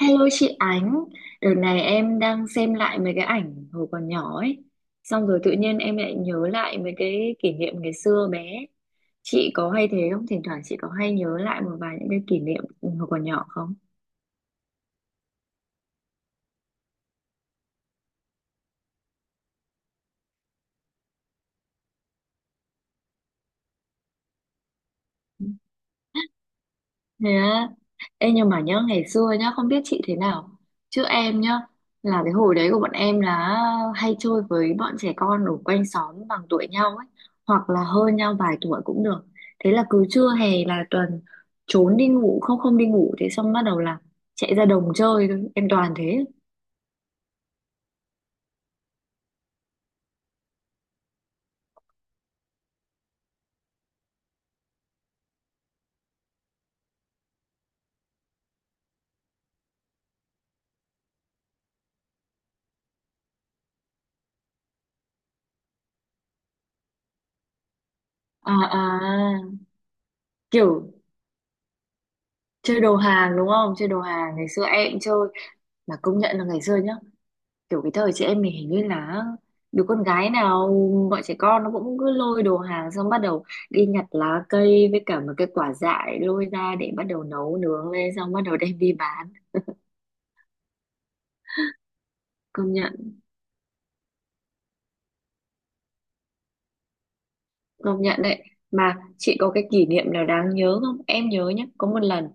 Hello chị Ánh, đợt này em đang xem lại mấy cái ảnh hồi còn nhỏ ấy. Xong rồi tự nhiên em lại nhớ lại mấy cái kỷ niệm ngày xưa bé. Chị có hay thế không? Thỉnh thoảng chị có hay nhớ lại một vài những cái kỷ niệm hồi còn nhỏ không? Thế á. Ê, nhưng mà nhớ ngày xưa nhá. Không biết chị thế nào, chứ em nhá, là cái hồi đấy của bọn em là hay chơi với bọn trẻ con ở quanh xóm, bằng tuổi nhau ấy, hoặc là hơn nhau vài tuổi cũng được. Thế là cứ trưa hè là tuần, trốn đi ngủ, không không đi ngủ. Thế xong bắt đầu là chạy ra đồng chơi thôi. Em toàn thế. à, à, Kiểu chơi đồ hàng đúng không, chơi đồ hàng ngày xưa em chơi. Mà công nhận là ngày xưa nhá, kiểu cái thời chị em mình hình như là đứa con gái nào, bọn trẻ con nó cũng cứ lôi đồ hàng xong bắt đầu đi nhặt lá cây với cả một cái quả dại, lôi ra để bắt đầu nấu nướng lên xong bắt đầu đem đi bán. Công nhận. Công nhận đấy. Mà chị có cái kỷ niệm nào đáng nhớ không? Em nhớ nhé, có một lần,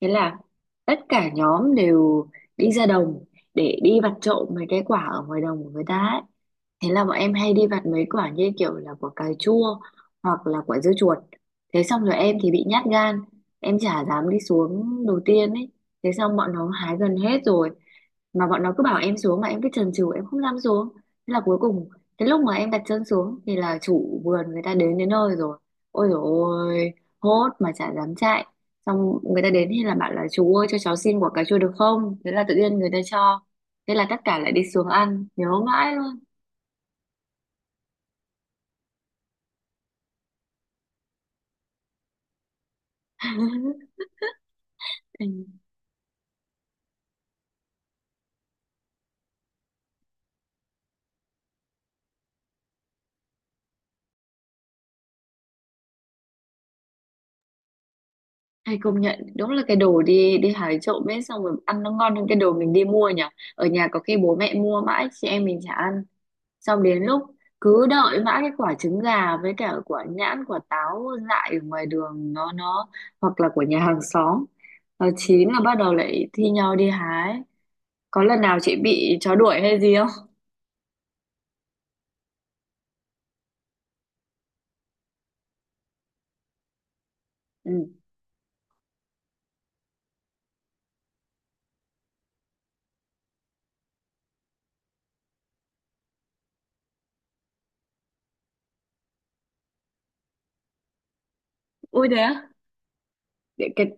thế là tất cả nhóm đều đi ra đồng để đi vặt trộm mấy cái quả ở ngoài đồng của người ta ấy. Thế là bọn em hay đi vặt mấy quả như kiểu là quả cà chua hoặc là quả dưa chuột. Thế xong rồi em thì bị nhát gan, em chả dám đi xuống đầu tiên ấy. Thế xong bọn nó hái gần hết rồi mà bọn nó cứ bảo em xuống, mà em cứ chần chừ em không dám xuống. Thế là cuối cùng cái lúc mà em đặt chân xuống thì là chủ vườn người ta đến đến nơi rồi. Ôi dồi ôi, hốt mà chả dám chạy. Xong người ta đến thì là bảo là chú ơi cho cháu xin quả cà chua được không, thế là tự nhiên người ta cho. Thế là tất cả lại đi xuống ăn, nhớ mãi luôn. Thành. Hay công nhận, đúng là cái đồ đi đi hái trộm ấy xong rồi ăn nó ngon hơn cái đồ mình đi mua nhỉ. Ở nhà có khi bố mẹ mua mãi chị em mình chả ăn. Xong đến lúc cứ đợi mãi cái quả trứng gà với cả quả nhãn, quả táo dại ở ngoài đường nó hoặc là của nhà hàng xóm, nó chín là bắt đầu lại thi nhau đi hái. Có lần nào chị bị chó đuổi hay gì không? Ừ. Ôi đấy á? Để cái,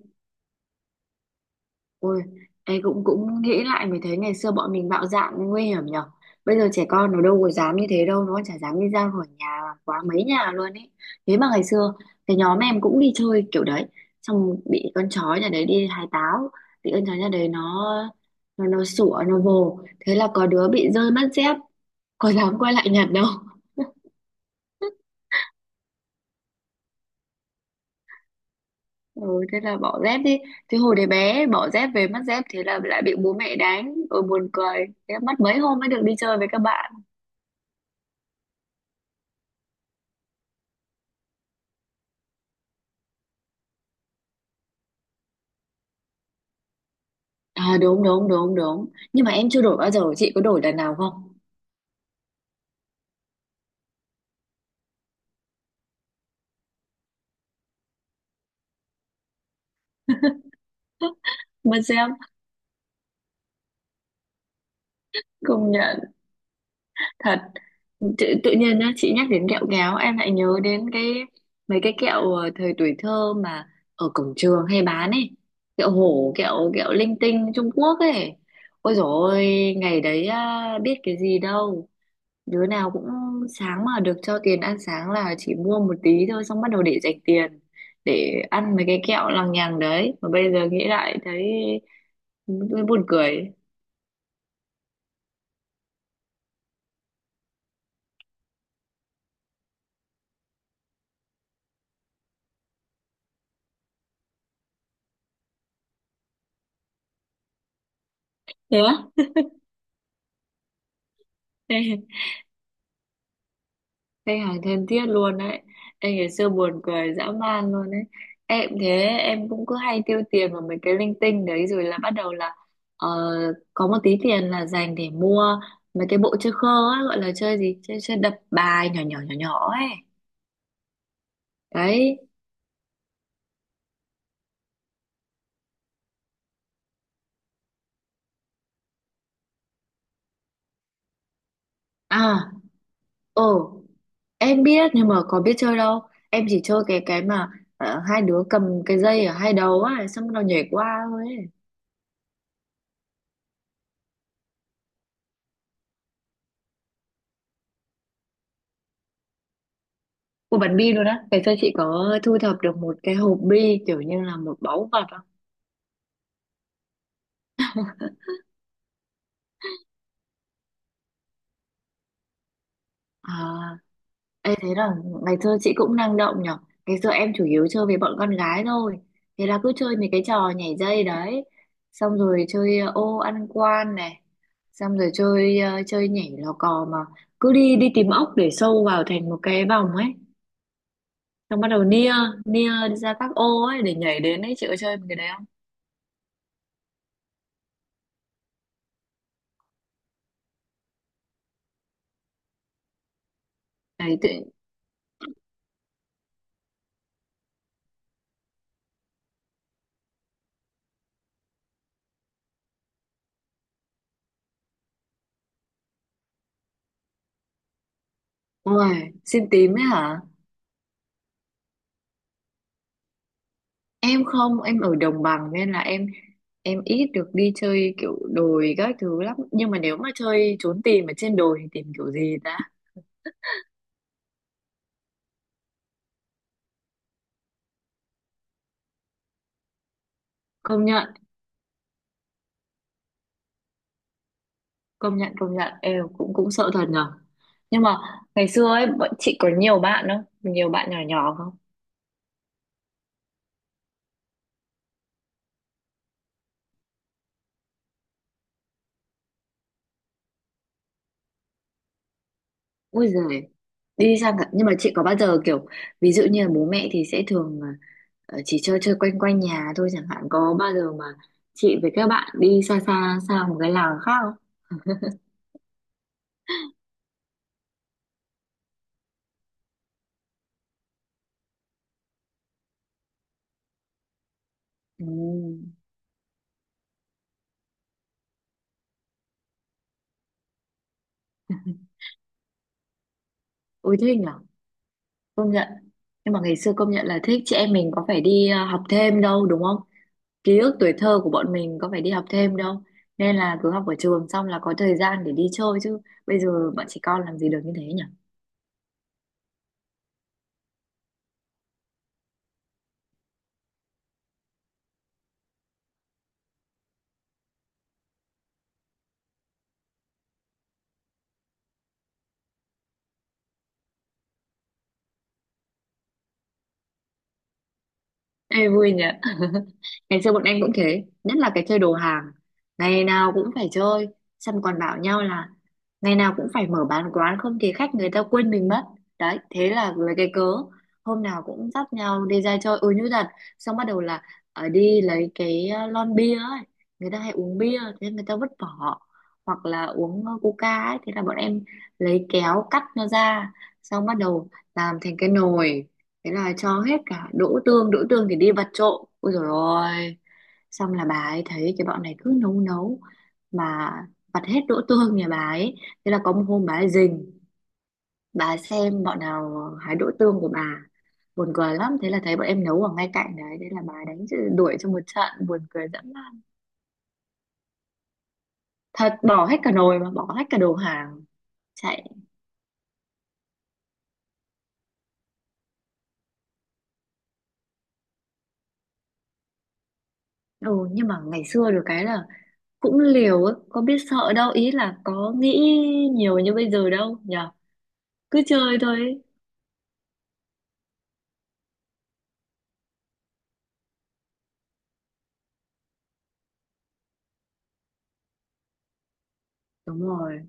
ôi, ấy cũng cũng nghĩ lại mới thấy ngày xưa bọn mình bạo dạn nguy hiểm nhở. Bây giờ trẻ con nó đâu có dám như thế đâu, nó chả dám đi ra khỏi nhà quá mấy nhà luôn ấy. Thế mà ngày xưa cái nhóm em cũng đi chơi kiểu đấy, xong bị con chó nhà đấy, đi hái táo bị con chó nhà đấy nó, nó sủa nó vồ. Thế là có đứa bị rơi mất dép, có dám quay lại nhặt đâu. Ừ, thế là bỏ dép đi. Thế hồi đấy bé bỏ dép về mất dép, thế là lại bị bố mẹ đánh. Ôi buồn cười. Thế mất mấy hôm mới được đi chơi với các bạn. À, đúng đúng đúng đúng. Nhưng mà em chưa đổi bao giờ, chị có đổi lần nào không? Mất dép. Công nhận. Thật. Tự nhiên nhá, chị nhắc đến kẹo kéo em lại nhớ đến cái mấy cái kẹo thời tuổi thơ mà ở cổng trường hay bán ấy. Kẹo hổ, kẹo kẹo linh tinh Trung Quốc ấy. Ôi dồi ôi, ngày đấy à, biết cái gì đâu, đứa nào cũng sáng mà được cho tiền ăn sáng là chỉ mua một tí thôi xong bắt đầu để dành tiền để ăn mấy cái kẹo lằng nhằng đấy, mà bây giờ nghĩ lại thấy buồn cười. Thế á. Ê, khách hàng thân thiết luôn đấy. Ê, ngày xưa buồn cười dã man luôn đấy. Em thế, em cũng cứ hay tiêu tiền vào mấy cái linh tinh đấy rồi là bắt đầu là, ờ, có một tí tiền là dành để mua mấy cái bộ chơi khơ á, gọi là chơi gì, chơi chơi đập bài nhỏ nhỏ nhỏ nhỏ ấy. Đấy. À. Ồ, em biết nhưng mà có biết chơi đâu. Em chỉ chơi cái mà hai đứa cầm cái dây ở hai đầu á, xong nó nhảy qua thôi ấy. Một bắn bi luôn á. Ngày xưa chị có thu thập được một cái hộp bi kiểu như là một báu vật không? À, em thấy là ngày xưa chị cũng năng động nhở. Ngày xưa em chủ yếu chơi với bọn con gái thôi. Thế là cứ chơi mấy cái trò nhảy dây đấy. Xong rồi chơi ô ăn quan này. Xong rồi chơi chơi nhảy lò cò mà cứ đi đi tìm ốc để sâu vào thành một cái vòng ấy, xong bắt đầu nia, nia đi ra các ô ấy để nhảy đến ấy. Chị có chơi cái đấy không? Đấy tự. Ôi, xin tím ấy hả? Em không, em ở đồng bằng nên là em ít được đi chơi kiểu đồi các thứ lắm. Nhưng mà nếu mà chơi trốn tìm ở trên đồi thì tìm kiểu gì ta? Công nhận. Công nhận em cũng cũng sợ thật nhở. Nhưng mà ngày xưa ấy bọn chị có nhiều bạn không, nhiều bạn nhỏ nhỏ không? Ui giời. Đi sang cả- nhưng mà chị có bao giờ kiểu ví dụ như là bố mẹ thì sẽ thường à, chỉ chơi chơi quanh quanh nhà thôi chẳng hạn, có bao giờ mà chị với các bạn đi xa xa sang một cái làng khác không? Ừ. Ôi thích nhở. Công nhận. Nhưng mà ngày xưa công nhận là thích, chị em mình có phải đi học thêm đâu đúng không? Ký ức tuổi thơ của bọn mình có phải đi học thêm đâu, nên là cứ học ở trường xong là có thời gian để đi chơi chứ. Bây giờ bọn trẻ con làm gì được như thế nhỉ. Ê, vui nhỉ. Ngày xưa bọn em cũng thế, nhất là cái chơi đồ hàng, ngày nào cũng phải chơi. Xong còn bảo nhau là ngày nào cũng phải mở bán quán, không thì khách người ta quên mình mất. Đấy, thế là lấy cái cớ hôm nào cũng dắt nhau đi ra chơi, ôi như thật. Xong bắt đầu là ở đi lấy cái lon bia ấy, người ta hay uống bia thế người ta vứt vỏ hoặc là uống coca ấy, thế là bọn em lấy kéo cắt nó ra, xong bắt đầu làm thành cái nồi. Thế là cho hết cả đỗ tương, đỗ tương thì đi vặt trộm, ôi dồi ôi. Xong là bà ấy thấy cái bọn này cứ nấu nấu mà vặt hết đỗ tương nhà bà ấy. Thế là có một hôm bà ấy rình, bà ấy xem bọn nào hái đỗ tương của bà, buồn cười lắm. Thế là thấy bọn em nấu ở ngay cạnh đấy, thế là bà ấy đánh chữ- đuổi cho một trận, buồn cười dã man. Thật, bỏ hết cả nồi mà bỏ hết cả đồ hàng, chạy. Ừ, nhưng mà ngày xưa được cái là cũng liều ấy, có biết sợ đâu, ý là có nghĩ nhiều như bây giờ đâu nhở. Cứ chơi thôi ấy. Đúng rồi.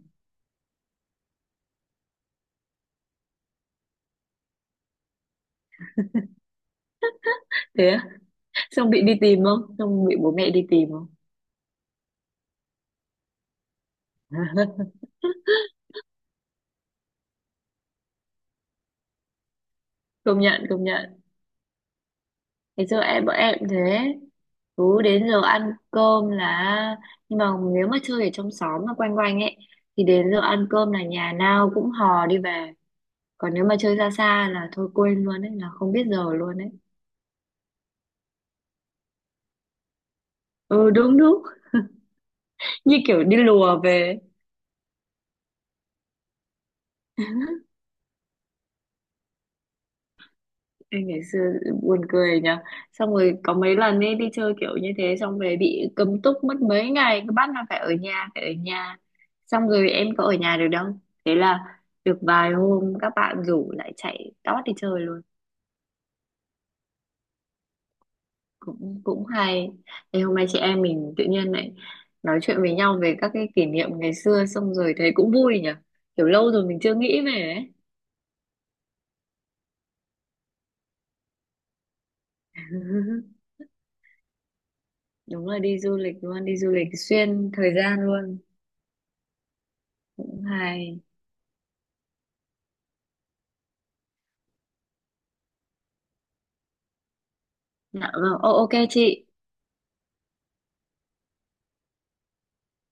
Thế á? Xong bị đi tìm không, xong bị bố mẹ đi tìm không? Công nhận, thế giờ em bọn em cũng thế, cứ đến giờ ăn cơm là, nhưng mà nếu mà chơi ở trong xóm mà quanh quanh ấy thì đến giờ ăn cơm là nhà nào cũng hò đi về. Còn nếu mà chơi ra xa là thôi quên luôn ấy, là không biết giờ luôn ấy. Ừ, đúng đúng. Như kiểu đi lùa về ấy. Ê, ngày xưa buồn cười nhỉ. Xong rồi có mấy lần ấy đi chơi kiểu như thế xong về bị cấm túc mất mấy ngày, cứ bắt là phải ở nhà, phải ở nhà. Xong rồi em có ở nhà được đâu, thế là được vài hôm các bạn rủ lại chạy tót đi chơi luôn. Cũng cũng hay. Thế hôm nay chị em mình tự nhiên lại nói chuyện với nhau về các cái kỷ niệm ngày xưa xong rồi thấy cũng vui nhỉ, kiểu lâu rồi mình chưa nghĩ về ấy. Đúng là đi du lịch luôn, đi du lịch xuyên thời gian luôn. Cũng hay. Dạ vâng, ô- ok chị.